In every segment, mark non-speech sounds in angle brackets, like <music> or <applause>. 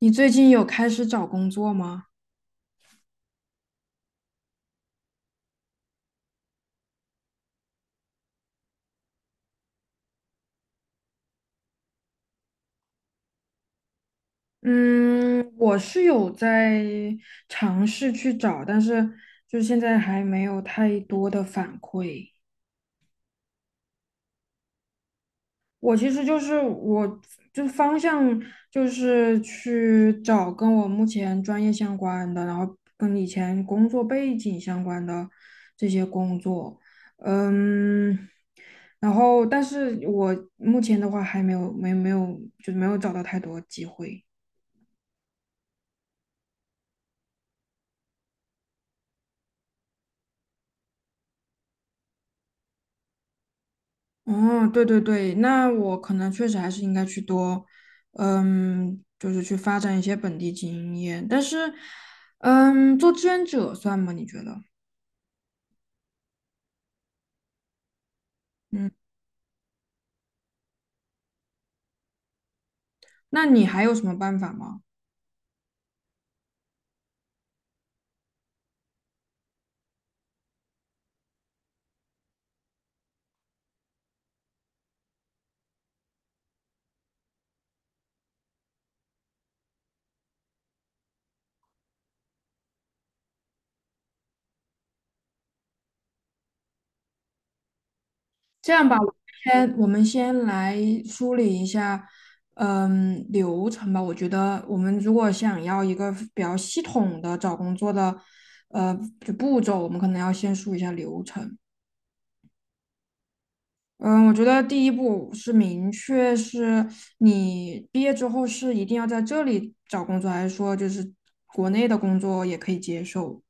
你最近有开始找工作吗？嗯，我是有在尝试去找，但是就现在还没有太多的反馈。我其实就是我就方向就是去找跟我目前专业相关的，然后跟以前工作背景相关的这些工作。嗯，然后但是我目前的话还没有没没有就没有找到太多机会。哦，对对对，那我可能确实还是应该去多，就是去发展一些本地经验。但是，做志愿者算吗？你觉得？嗯，那你还有什么办法吗？这样吧，我们先来梳理一下，流程吧。我觉得我们如果想要一个比较系统的找工作的，呃，就步骤，我们可能要先梳理一下流程。嗯，我觉得第一步是明确是你毕业之后是一定要在这里找工作，还是说就是国内的工作也可以接受？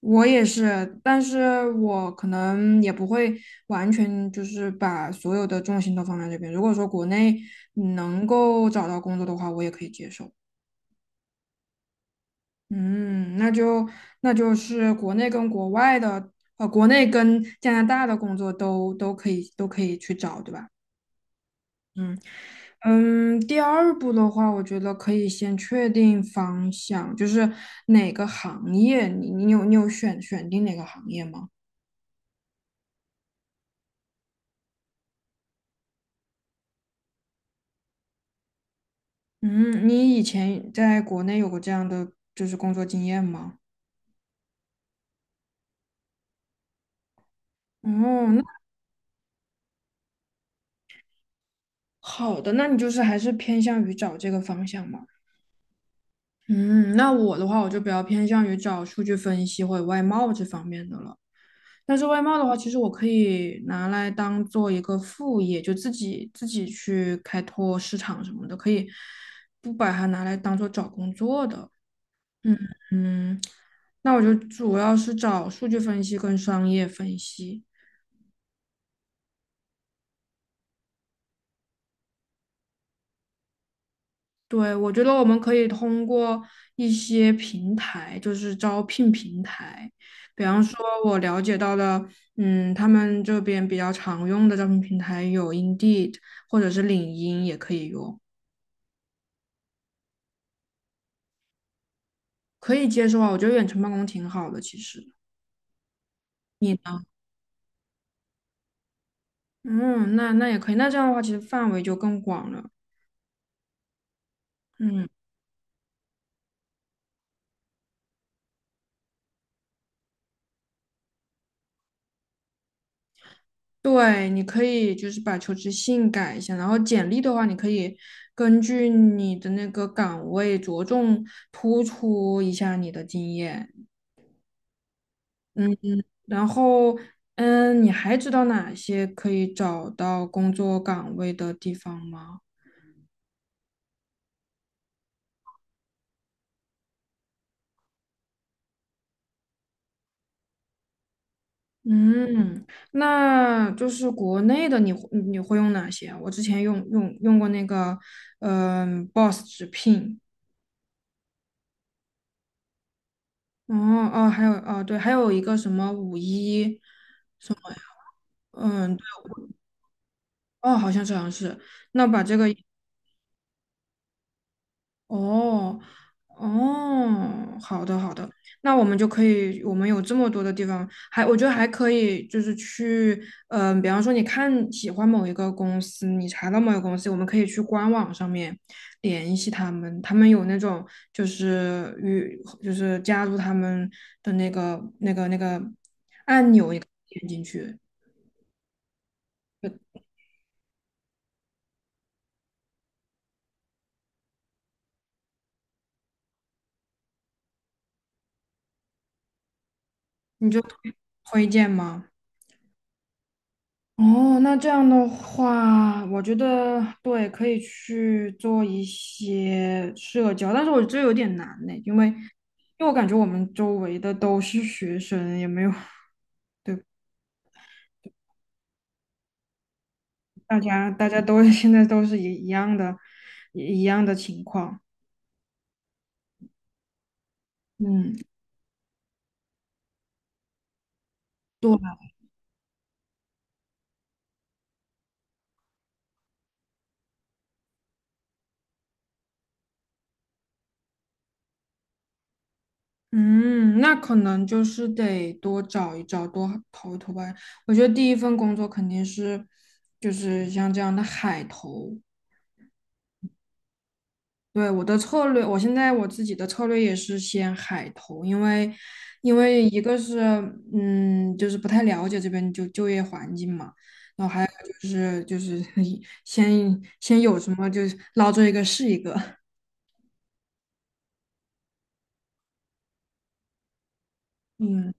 我也是，但是我可能也不会完全就是把所有的重心都放在这边。如果说国内能够找到工作的话，我也可以接受。嗯，那就那就是国内跟国外的，国内跟加拿大的工作都可以去找，对吧？嗯。第二步的话，我觉得可以先确定方向，就是哪个行业，你有选定哪个行业吗？嗯，你以前在国内有过这样的就是工作经验吗？哦，那好的，那你就是还是偏向于找这个方向嘛？嗯，那我的话，我就比较偏向于找数据分析或者外贸这方面的了。但是外贸的话，其实我可以拿来当做一个副业，就自己去开拓市场什么的，可以不把它拿来当做找工作的。嗯嗯，那我就主要是找数据分析跟商业分析。对，我觉得我们可以通过一些平台，就是招聘平台，比方说我了解到的，他们这边比较常用的招聘平台有 Indeed 或者是领英也可以用。可以接受啊，我觉得远程办公挺好的，其实。你呢？嗯，那也可以，那这样的话，其实范围就更广了。嗯，对，你可以就是把求职信改一下，然后简历的话，你可以根据你的那个岗位着重突出一下你的经验。嗯，然后你还知道哪些可以找到工作岗位的地方吗？嗯，那就是国内的你会用哪些啊我之前用过那个，Boss 直聘，哦哦，还有哦对，还有一个什么五一，嗯，对哦，好像是，那把这个哦，哦，好的好的，那我们就可以，我们有这么多的地方，还我觉得还可以，就是去，比方说你看喜欢某一个公司，你查到某一个公司，我们可以去官网上面联系他们，他们有那种就是与就是加入他们的那个点进去，你就推荐吗？哦，那这样的话，我觉得对，可以去做一些社交，但是我这有点难呢，因为我感觉我们周围的都是学生，也没有，对，大家都 <laughs> 现在都是一样的，一样的情况。嗯，对，嗯，那可能就是得多找一找，多投一投吧。我觉得第一份工作肯定是就是像这样的海投。对，我的策略，我现在我自己的策略也是先海投，因为一个是就是不太了解这边就业环境嘛，然后还有就是 <laughs> 先有什么就是捞着一个是一个，嗯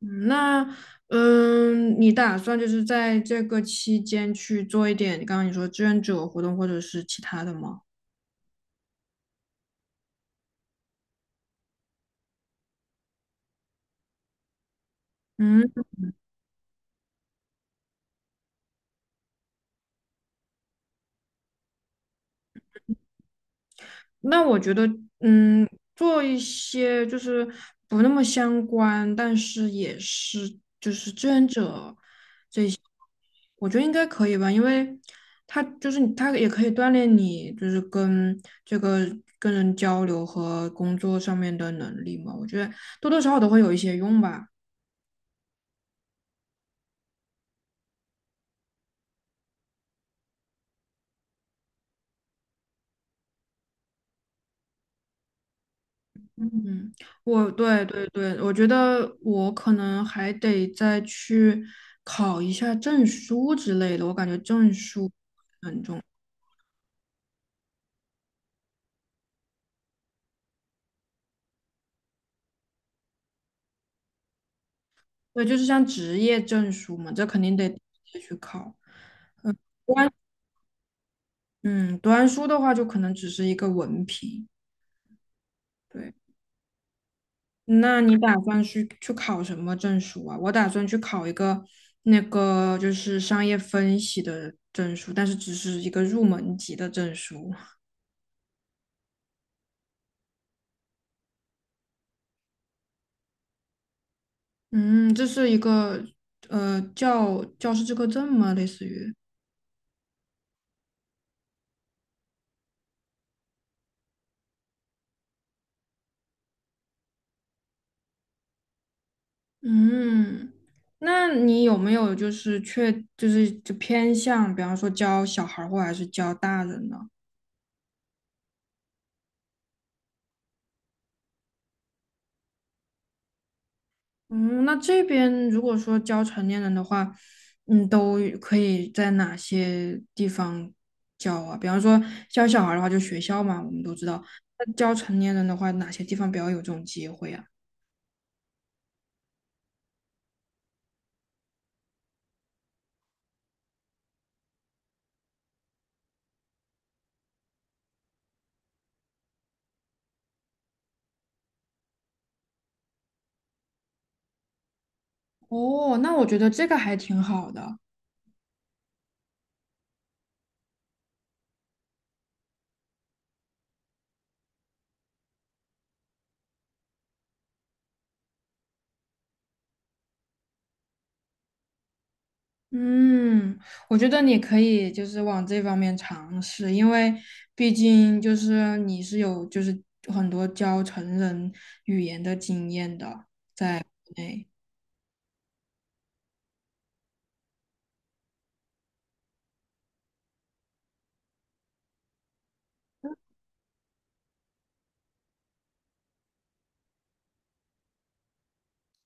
嗯，那你打算就是在这个期间去做一点，刚刚你说志愿者活动或者是其他的吗？嗯。那我觉得，嗯，做一些就是不那么相关，但是也是就是志愿者，我觉得应该可以吧，因为他就是你他也可以锻炼你，就是跟这个跟人交流和工作上面的能力嘛，我觉得多多少少都会有一些用吧。嗯，对对对，我觉得我可能还得再去考一下证书之类的，我感觉证书。对，就是像职业证书嘛，这肯定得直接去考。读完，嗯，读完书的话，就可能只是一个文凭。对，那你打算去考什么证书啊？我打算去考一个就是商业分析的证书，但是只是一个入门级的证书。<laughs> 嗯，这是一个呃教教师资格证吗？类似于。嗯，那你有没有就是确就是就偏向，比方说教小孩儿或还是教大人呢？嗯，那这边如果说教成年人的话，都可以在哪些地方教啊？比方说教小孩儿的话，就学校嘛，我们都知道。那教成年人的话，哪些地方比较有这种机会啊？哦，那我觉得这个还挺好的。嗯，我觉得你可以就是往这方面尝试，因为毕竟就是你是有就是很多教成人语言的经验的，在国内。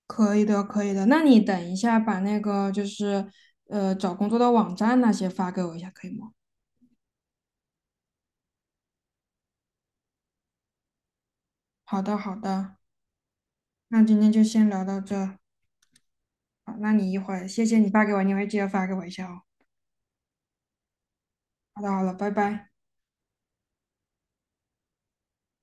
可以的，可以的。那你等一下把那个就是找工作的网站那些发给我一下，可以吗？好的，好的。那今天就先聊到这。好，那你一会儿谢谢你发给我，你一会儿记得发给我一下哦。好的，好了，拜拜。